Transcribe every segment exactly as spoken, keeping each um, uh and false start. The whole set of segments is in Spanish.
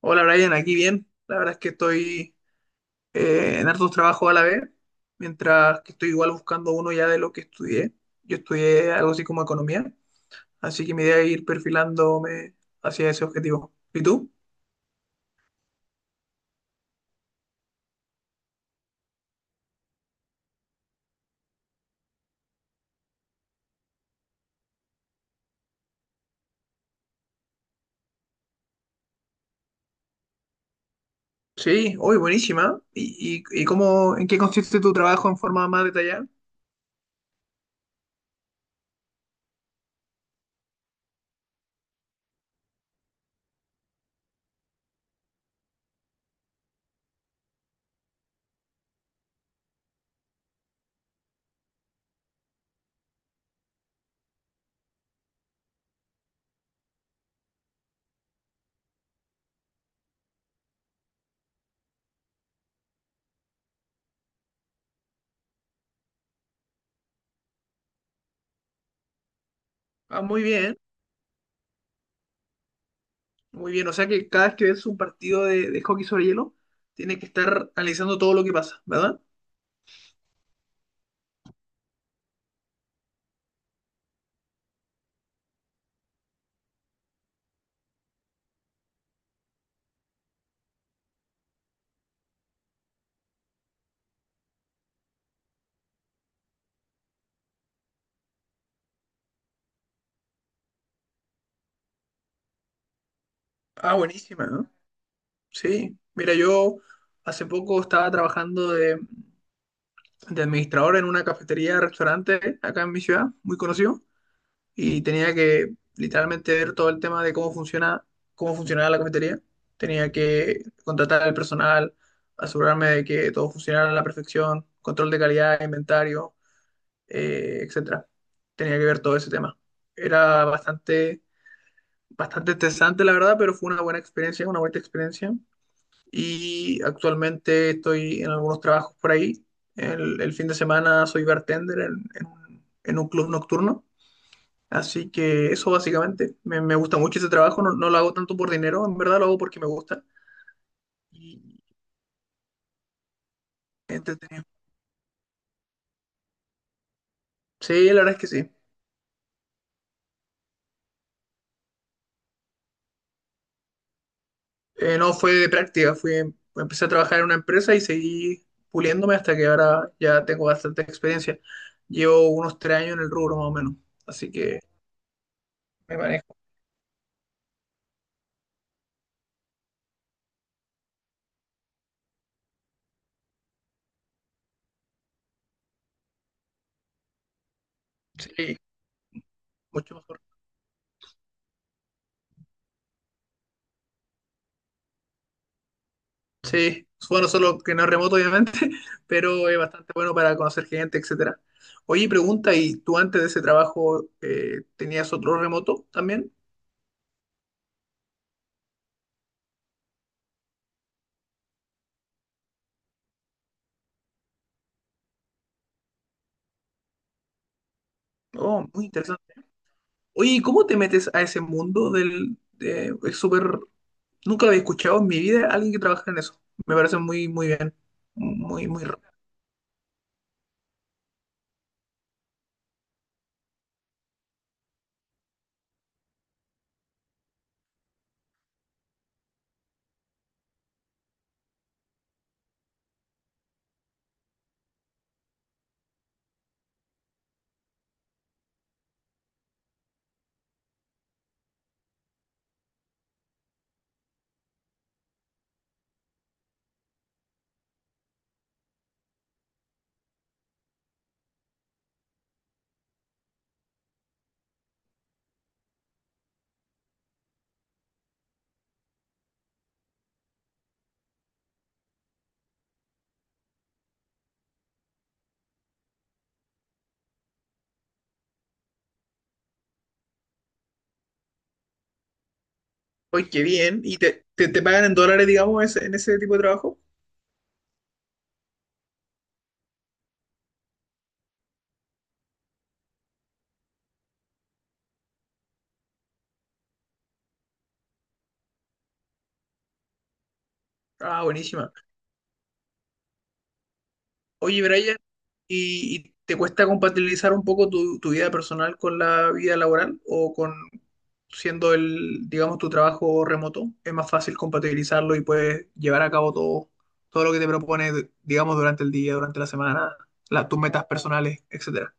Hola Brian, aquí bien. La verdad es que estoy eh, en hartos trabajos a la vez, mientras que estoy igual buscando uno ya de lo que estudié. Yo estudié algo así como economía, así que mi idea es ir perfilándome hacia ese objetivo. ¿Y tú? Sí, hoy buenísima. ¿Y, y, y cómo, en qué consiste tu trabajo en forma más detallada? Ah, muy bien, muy bien. O sea que cada vez que ves un partido de, de hockey sobre hielo, tienes que estar analizando todo lo que pasa, ¿verdad? Ah, buenísima, ¿no? Sí, mira, yo hace poco estaba trabajando de, de administrador en una cafetería, restaurante acá en mi ciudad, muy conocido, y tenía que literalmente ver todo el tema de cómo funciona, cómo funcionaba la cafetería. Tenía que contratar al personal, asegurarme de que todo funcionara a la perfección, control de calidad, inventario, eh, etcétera. Tenía que ver todo ese tema. Era bastante, bastante estresante, la verdad, pero fue una buena experiencia, una buena experiencia. Y actualmente estoy en algunos trabajos por ahí. El, el fin de semana soy bartender en, en un en un club nocturno. Así que eso básicamente, me, me gusta mucho ese trabajo, no, no lo hago tanto por dinero, en verdad lo hago porque me gusta. Y entretenido. Sí, la verdad es que sí. Eh, no fue de práctica, fui, empecé a trabajar en una empresa y seguí puliéndome hasta que ahora ya tengo bastante experiencia. Llevo unos tres años en el rubro más o menos, así que me manejo. Sí, mucho mejor. Sí, bueno, solo que no es remoto, obviamente, pero es bastante bueno para conocer gente, etcétera. Oye, pregunta, ¿y tú antes de ese trabajo eh, tenías otro remoto también? Oh, muy interesante. Oye, ¿y cómo te metes a ese mundo del... de- es súper... Nunca lo había escuchado en mi vida a alguien que trabaja en eso. Me parece muy, muy bien. Muy, muy... ra- Oye, qué bien. ¿Y te, te, te pagan en dólares, digamos, ese- en ese tipo de trabajo? Ah, buenísima. Oye, Brian, ¿y, y te cuesta compatibilizar un poco tu, tu vida personal con la vida laboral o con siendo el, digamos, tu trabajo remoto? ¿Es más fácil compatibilizarlo y puedes llevar a cabo todo, todo lo que te propone, digamos, durante el día, durante la semana, la- tus metas personales, etcétera?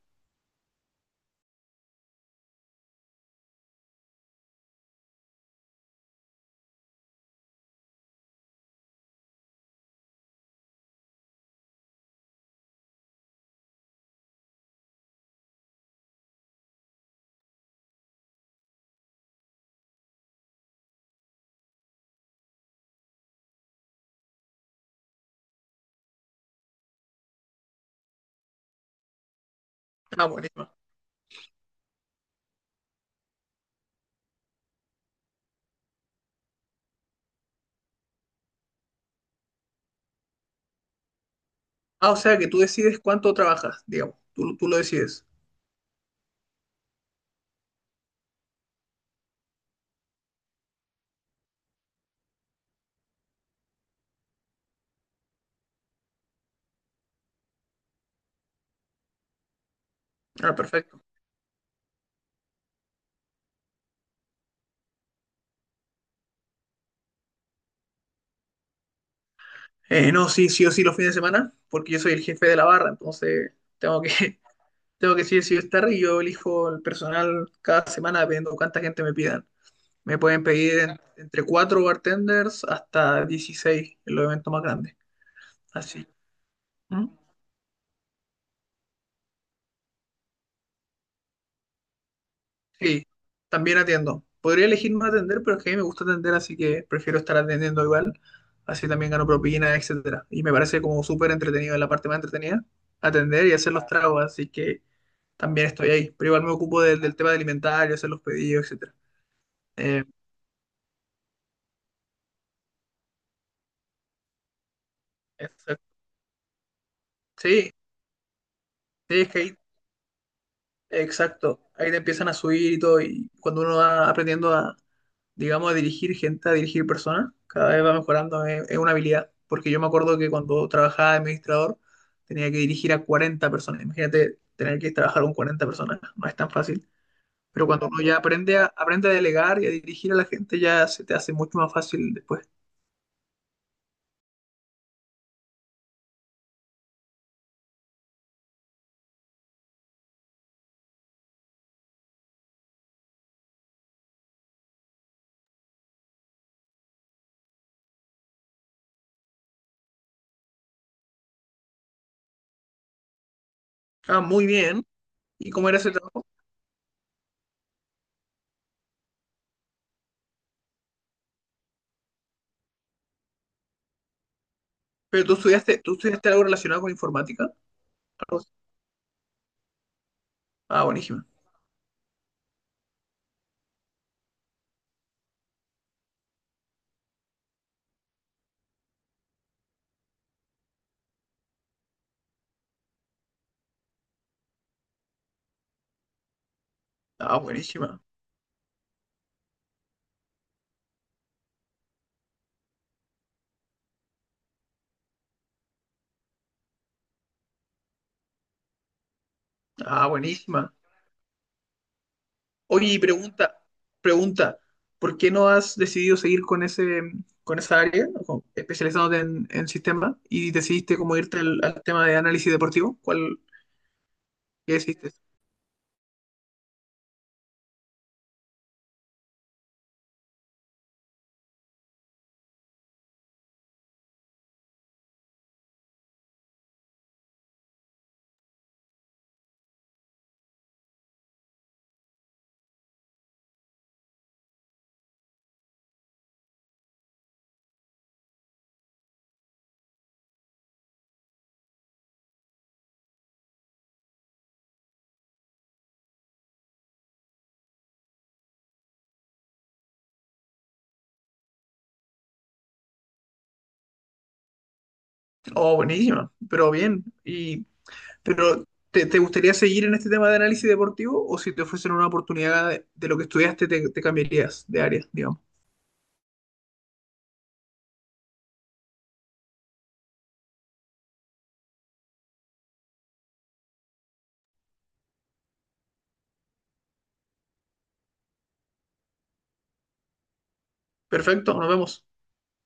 Ah, buenísimo. Ah, o sea que tú decides cuánto trabajas, digamos, tú, tú lo decides. Ah, perfecto. Eh, no, sí, sí o sí los fines de semana, porque yo soy el jefe de la barra, entonces tengo que, tengo que decir si voy a estar y yo elijo el personal cada semana dependiendo de cuánta gente me pidan. Me pueden pedir en- entre cuatro bartenders hasta dieciséis en los eventos más grandes. Así. ¿Mm? Sí, también atiendo. Podría elegir no atender, pero es que a mí me gusta atender, así que prefiero estar atendiendo igual. Así también gano propina, etcétera. Y me parece como súper entretenido, la parte más entretenida, atender y hacer los tragos, así que también estoy ahí. Pero igual me ocupo del, del tema de alimentario, hacer los pedidos, etcétera. Eh, exacto. Sí, sí, es que ahí exacto, ahí te empiezan a subir y todo, y cuando uno va aprendiendo a, digamos, a dirigir gente, a dirigir personas, cada vez va mejorando, es, es una habilidad, porque yo me acuerdo que cuando trabajaba de administrador tenía que dirigir a cuarenta personas, imagínate tener que trabajar con cuarenta personas, no es tan fácil, pero cuando uno ya aprende a, aprende a delegar y a dirigir a la gente, ya se te hace mucho más fácil después. Ah, muy bien, ¿y cómo era ese trabajo? Pero tú estudiaste, tú estudiaste algo relacionado con informática, algo así. Ah, buenísima, ah, buenísima, ah, buenísima. Oye, y pregunta, pregunta, ¿por qué no has decidido seguir con ese, con esa área, con- especializándote en, en sistemas, y decidiste como irte al, al tema de análisis deportivo? ¿Cuál, qué decidiste? Oh, buenísima, pero bien. Y, pero, ¿te, te gustaría seguir en este tema de análisis deportivo o si te ofrecen una oportunidad de, de lo que estudiaste, te, te cambiarías de área, digamos? Perfecto, nos vemos.